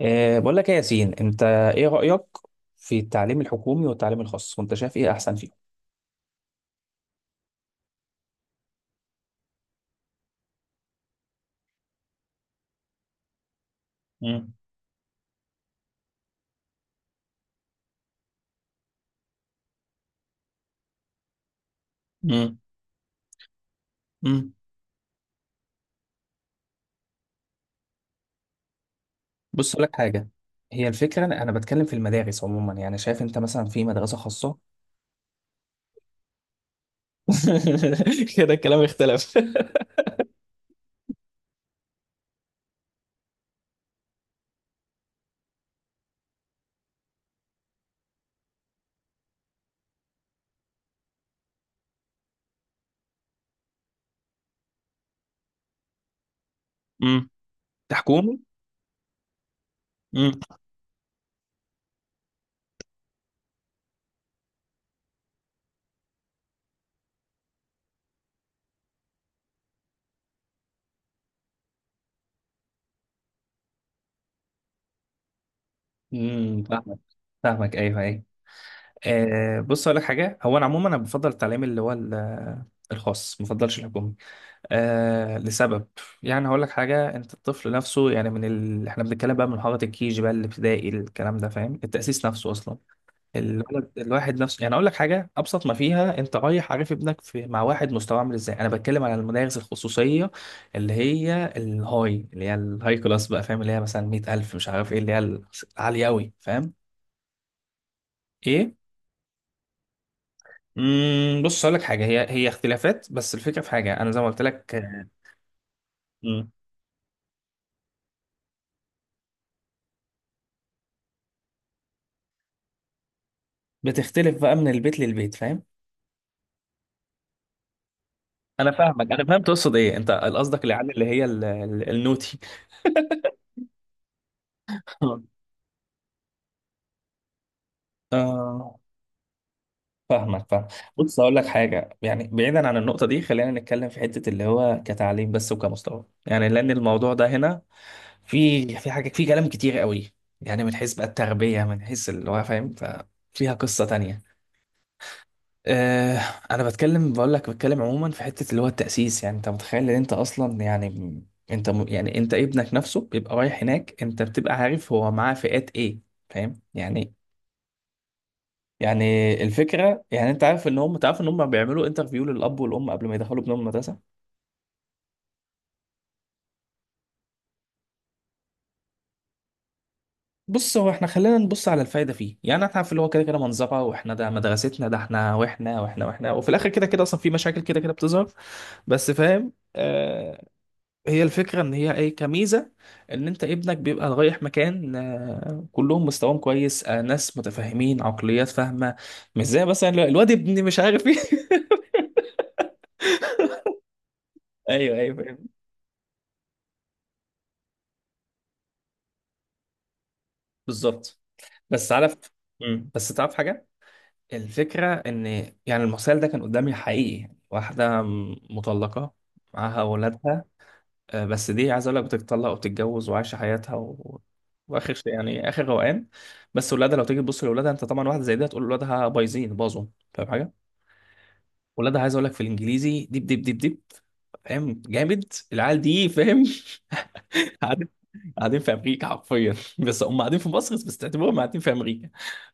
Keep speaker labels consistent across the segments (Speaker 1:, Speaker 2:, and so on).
Speaker 1: بقول لك ايه يا ياسين، انت ايه رأيك في التعليم الحكومي والتعليم الخاص؟ وانت شايف ايه احسن فيهم؟ مم. مم. مم. بص اقول لك حاجة. هي الفكرة، انا بتكلم في المدارس عموما، يعني شايف انت مثلا في مدرسة خاصة؟ كده الكلام اختلف. مم. حكومي. مم. امم، فاهمك. فاهمك، ايوه ايوه. أه بص اقول لك حاجة. هو انا عموما انا بفضل التعليم اللي هو الخاص، ما بفضلش الحكومي. آه لسبب. يعني هقول لك حاجه، انت الطفل نفسه يعني من احنا بنتكلم بقى من حضره الكيجي بقى الابتدائي، الكلام ده، فاهم؟ التاسيس نفسه اصلا الولد الواحد نفسه. يعني اقول لك حاجه ابسط ما فيها، انت رايح عارف ابنك مع واحد مستواه عامل ازاي. انا بتكلم على المدارس الخصوصيه اللي هي الهاي، اللي هي الهاي كلاس بقى، فاهم؟ اللي هي مثلا 100000، مش عارف ايه، اللي هي العاليه قوي، فاهم؟ ايه؟ امم، بص اقول لك حاجه، هي اختلافات، بس الفكره في حاجه انا زي ما قلت لك آه. مم. بتختلف بقى من البيت للبيت، فاهم؟ انا فاهمك، انا فهمت تقصد ايه. انت قصدك العيال اللي هي النوتي. آه. فاهمك، فاهم. بص اقول لك حاجه، يعني بعيدا عن النقطه دي، خلينا نتكلم في حته اللي هو كتعليم بس وكمستوى، يعني لان الموضوع ده هنا في حاجه، في كلام كتير قوي، يعني من حيث بقى التربيه، من حيث اللي هو فاهم، ففيها قصه تانية. آه. انا بتكلم بقول لك بتكلم عموما في حته اللي هو التاسيس، يعني انت متخيل ان انت اصلا يعني يعني انت ابنك نفسه بيبقى رايح هناك، انت بتبقى عارف هو معاه فئات ايه، فاهم يعني؟ يعني الفكره، يعني انت عارف ان هم تعرف ان هم بيعملوا انترفيو للاب والام قبل ما يدخلوا ابنهم المدرسه. بص هو احنا خلينا نبص على الفايده فيه، يعني احنا عارف اللي هو كده كده منظره، واحنا ده مدرستنا ده احنا واحنا واحنا واحنا، وفي الاخر كده كده اصلا في مشاكل كده كده بتظهر، بس فاهم آه. هي الفكرة إن هي إيه؟ كميزة إن أنت ابنك بيبقى رايح مكان آه، كلهم مستواهم كويس، آه، ناس متفاهمين، عقليات فاهمة، مش زي مثلا الواد ابني مش عارف إيه. أيوه أيوه فاهم. بالظبط. بس عارف. مم. بس تعرف حاجة، الفكرة إن يعني المثال ده كان قدامي حقيقي، واحدة مطلقة معاها أولادها. آه، بس دي عايز اقول لك بتتطلق وبتتجوز وعايشه حياتها و... واخر شيء، يعني اخر روقان. بس ولادها لو تيجي تبص لاولادها، انت طبعا واحده زي دي هتقول ولادها بايظين، باظوا، فاهم حاجه؟ ولادها عايز اقول لك في الانجليزي ديب ديب ديب ديب، فاهم؟ جامد العيال دي، فاهم؟ قاعدين، قاعدين في امريكا حرفيا. بس هم قاعدين في مصر، بس تعتبرهم قاعدين في امريكا.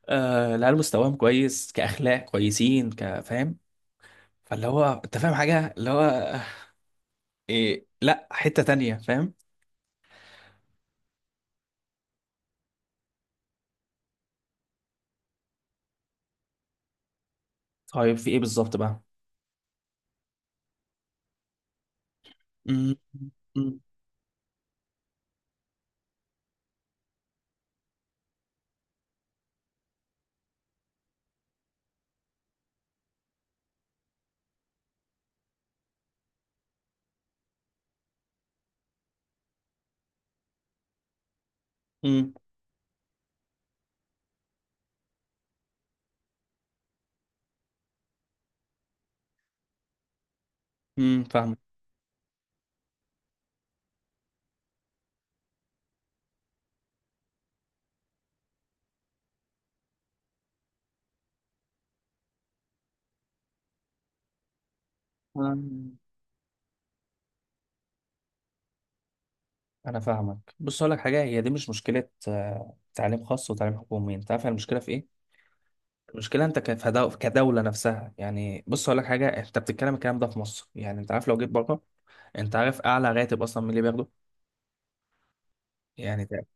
Speaker 1: آه العيال مستواهم كويس، كاخلاق كويسين، كفاهم، فاللي هو انت فاهم حاجه اللي هو آه، إيه، لا حته تانية، فاهم؟ طيب في ايه بالظبط بقى؟ مم. مم. مم. مم. فاهمك. انا فاهمك. بص اقول لك حاجه، هي دي مش مشكله، آه، تعليم خاص وتعليم حكومي، انت عارف المشكله في ايه؟ المشكله انت كدوله نفسها. يعني بص اقول لك حاجه، انت بتتكلم الكلام ده في مصر، يعني انت عارف لو جيت بره، انت عارف اعلى راتب اصلا من اللي بياخده، يعني ده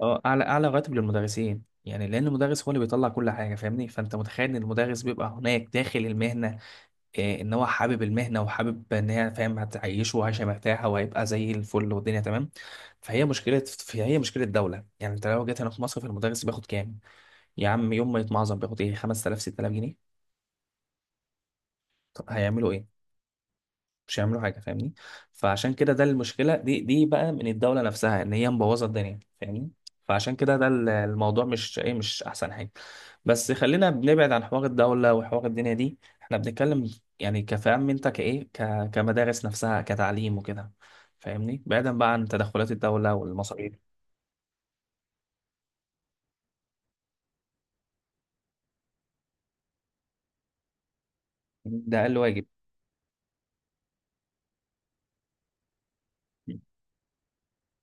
Speaker 1: اه اعلى، اعلى راتب للمدرسين، يعني لان المدرس هو اللي بيطلع كل حاجه، فاهمني؟ فانت متخيل ان المدرس بيبقى هناك داخل المهنه، إيه ان هو حابب المهنه وحابب ان هي فاهم هتعيشه وعايشه مرتاحه، وهيبقى زي الفل والدنيا تمام. فهي مشكله، فهي مشكله الدوله، يعني انت لو جيت هنا في مصر، في المدرس بياخد كام؟ يا عم يوم ما يتمعظم بياخد ايه، 5000 6000 جنيه. طب هيعملوا ايه؟ مش هيعملوا حاجه، فاهمني؟ فعشان كده ده المشكله، دي بقى من الدوله نفسها، ان هي مبوظه الدنيا، فاهمني؟ فعشان كده ده الموضوع مش ايه، مش احسن حاجه. بس خلينا بنبعد عن حوار الدوله وحوار الدنيا دي، احنا بنتكلم يعني كفهم، انت كايه، كمدارس نفسها كتعليم وكده، فاهمني؟ بعيدا بقى عن تدخلات الدوله والمصاريف. ده اقل واجب.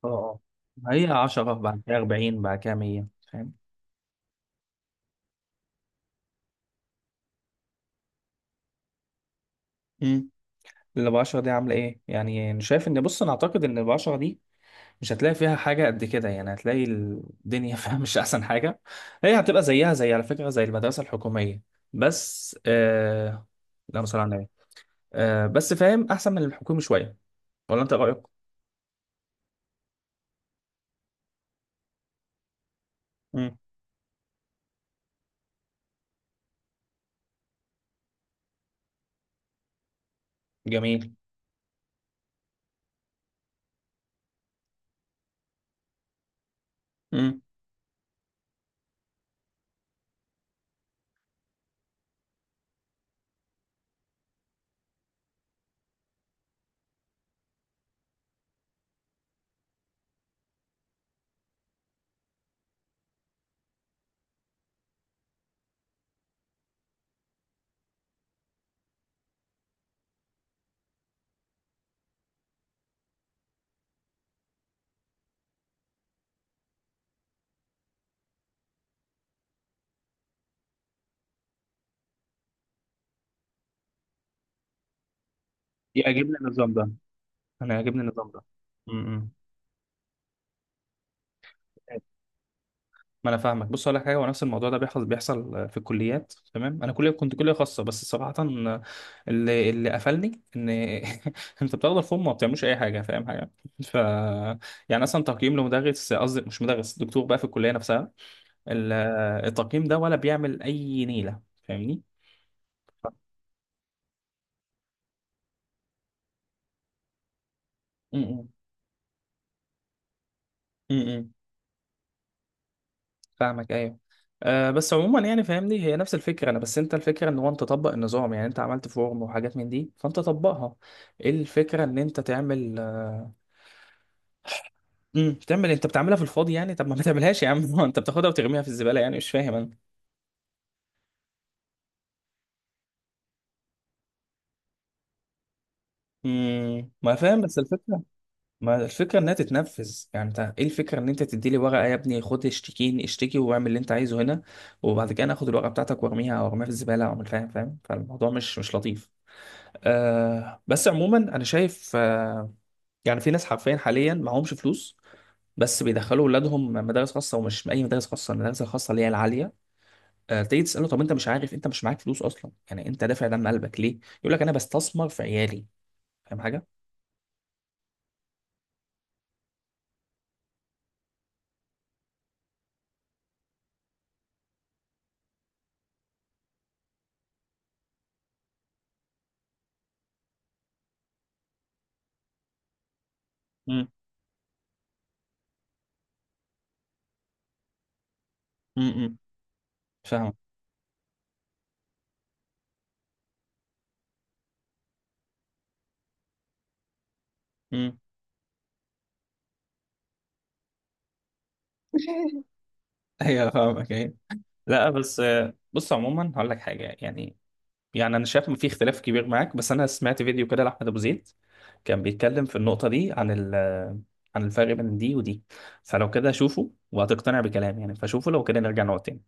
Speaker 1: اه اه، هي 10 بعد كده 40 بعد كده 100، فاهم؟ امم. اللي ب 10 دي عامله ايه يعني؟ انا شايف ان بص، انا اعتقد ان ب 10 دي مش هتلاقي فيها حاجة قد كده، يعني هتلاقي الدنيا فيها مش أحسن حاجة، هي هتبقى زيها زي، على فكرة، زي المدرسة الحكومية. بس آه... لا صلى على النبي. آه... بس فاهم أحسن من الحكومي شوية، ولا أنت رأيك؟ مم. جميل. مم. يعجبني النظام ده، أنا يعجبني النظام ده. مم. ما انا فاهمك. بص اقول لك حاجه، هو نفس الموضوع ده بيحصل، بيحصل في الكليات، تمام؟ انا كليه كنت كليه خاصه، بس صراحه اللي قفلني ان انت بتاخد الفورم وما بتعملوش اي حاجه، فاهم حاجه؟ ف يعني اصلا تقييم لمدرس، قصدي مش مدرس، دكتور بقى في الكليه نفسها، ال- التقييم ده ولا بيعمل اي نيله، فاهمني؟ م- م- م. فاهمك ايوه. أه بس عموما يعني فاهمني، هي نفس الفكره، انا بس انت الفكره ان هو انت تطبق النظام، يعني انت عملت فورم وحاجات من دي، فانت طبقها. إيه الفكره ان انت تعمل أه، مم، تعمل إيه؟ انت بتعملها في الفاضي يعني، طب ما تعملهاش يا عم. هو انت بتاخدها وترميها في الزباله، يعني مش فاهم انا. مم، ما فاهم. بس الفكره، ما الفكره انها تتنفذ، يعني انت ايه الفكره، ان انت تدي لي ورقه يا ابني خد، اشتكيني، اشتكي واعمل اللي انت عايزه هنا، وبعد كده انا اخد الورقه بتاعتك وارميها او ارميها في الزباله، او مش فاهم فاهم، فالموضوع مش مش لطيف. آه بس عموما انا شايف آه، يعني في ناس حرفيا حاليا معهمش فلوس، بس بيدخلوا اولادهم مدارس خاصه، ومش اي مدارس خاصه، المدارس الخاصه اللي هي العاليه. آه تيجي تساله طب انت مش عارف، انت مش معاك فلوس اصلا، يعني انت دافع دم قلبك ليه، يقول لك انا بستثمر في عيالي، فاهم حاجه؟ امم. امم فاهم. امم. ايوه فاهمك ايوه. لا بس آه، بص عموما هقول لك حاجه يعني، يعني انا شايف ان في اختلاف كبير معاك، بس انا سمعت فيديو كده لاحمد ابو زيد كان بيتكلم في النقطه دي عن ال عن الفرق بين دي ودي، فلو كده شوفه وهتقتنع بكلامي يعني، فشوفه لو كده نرجع نقعد تاني.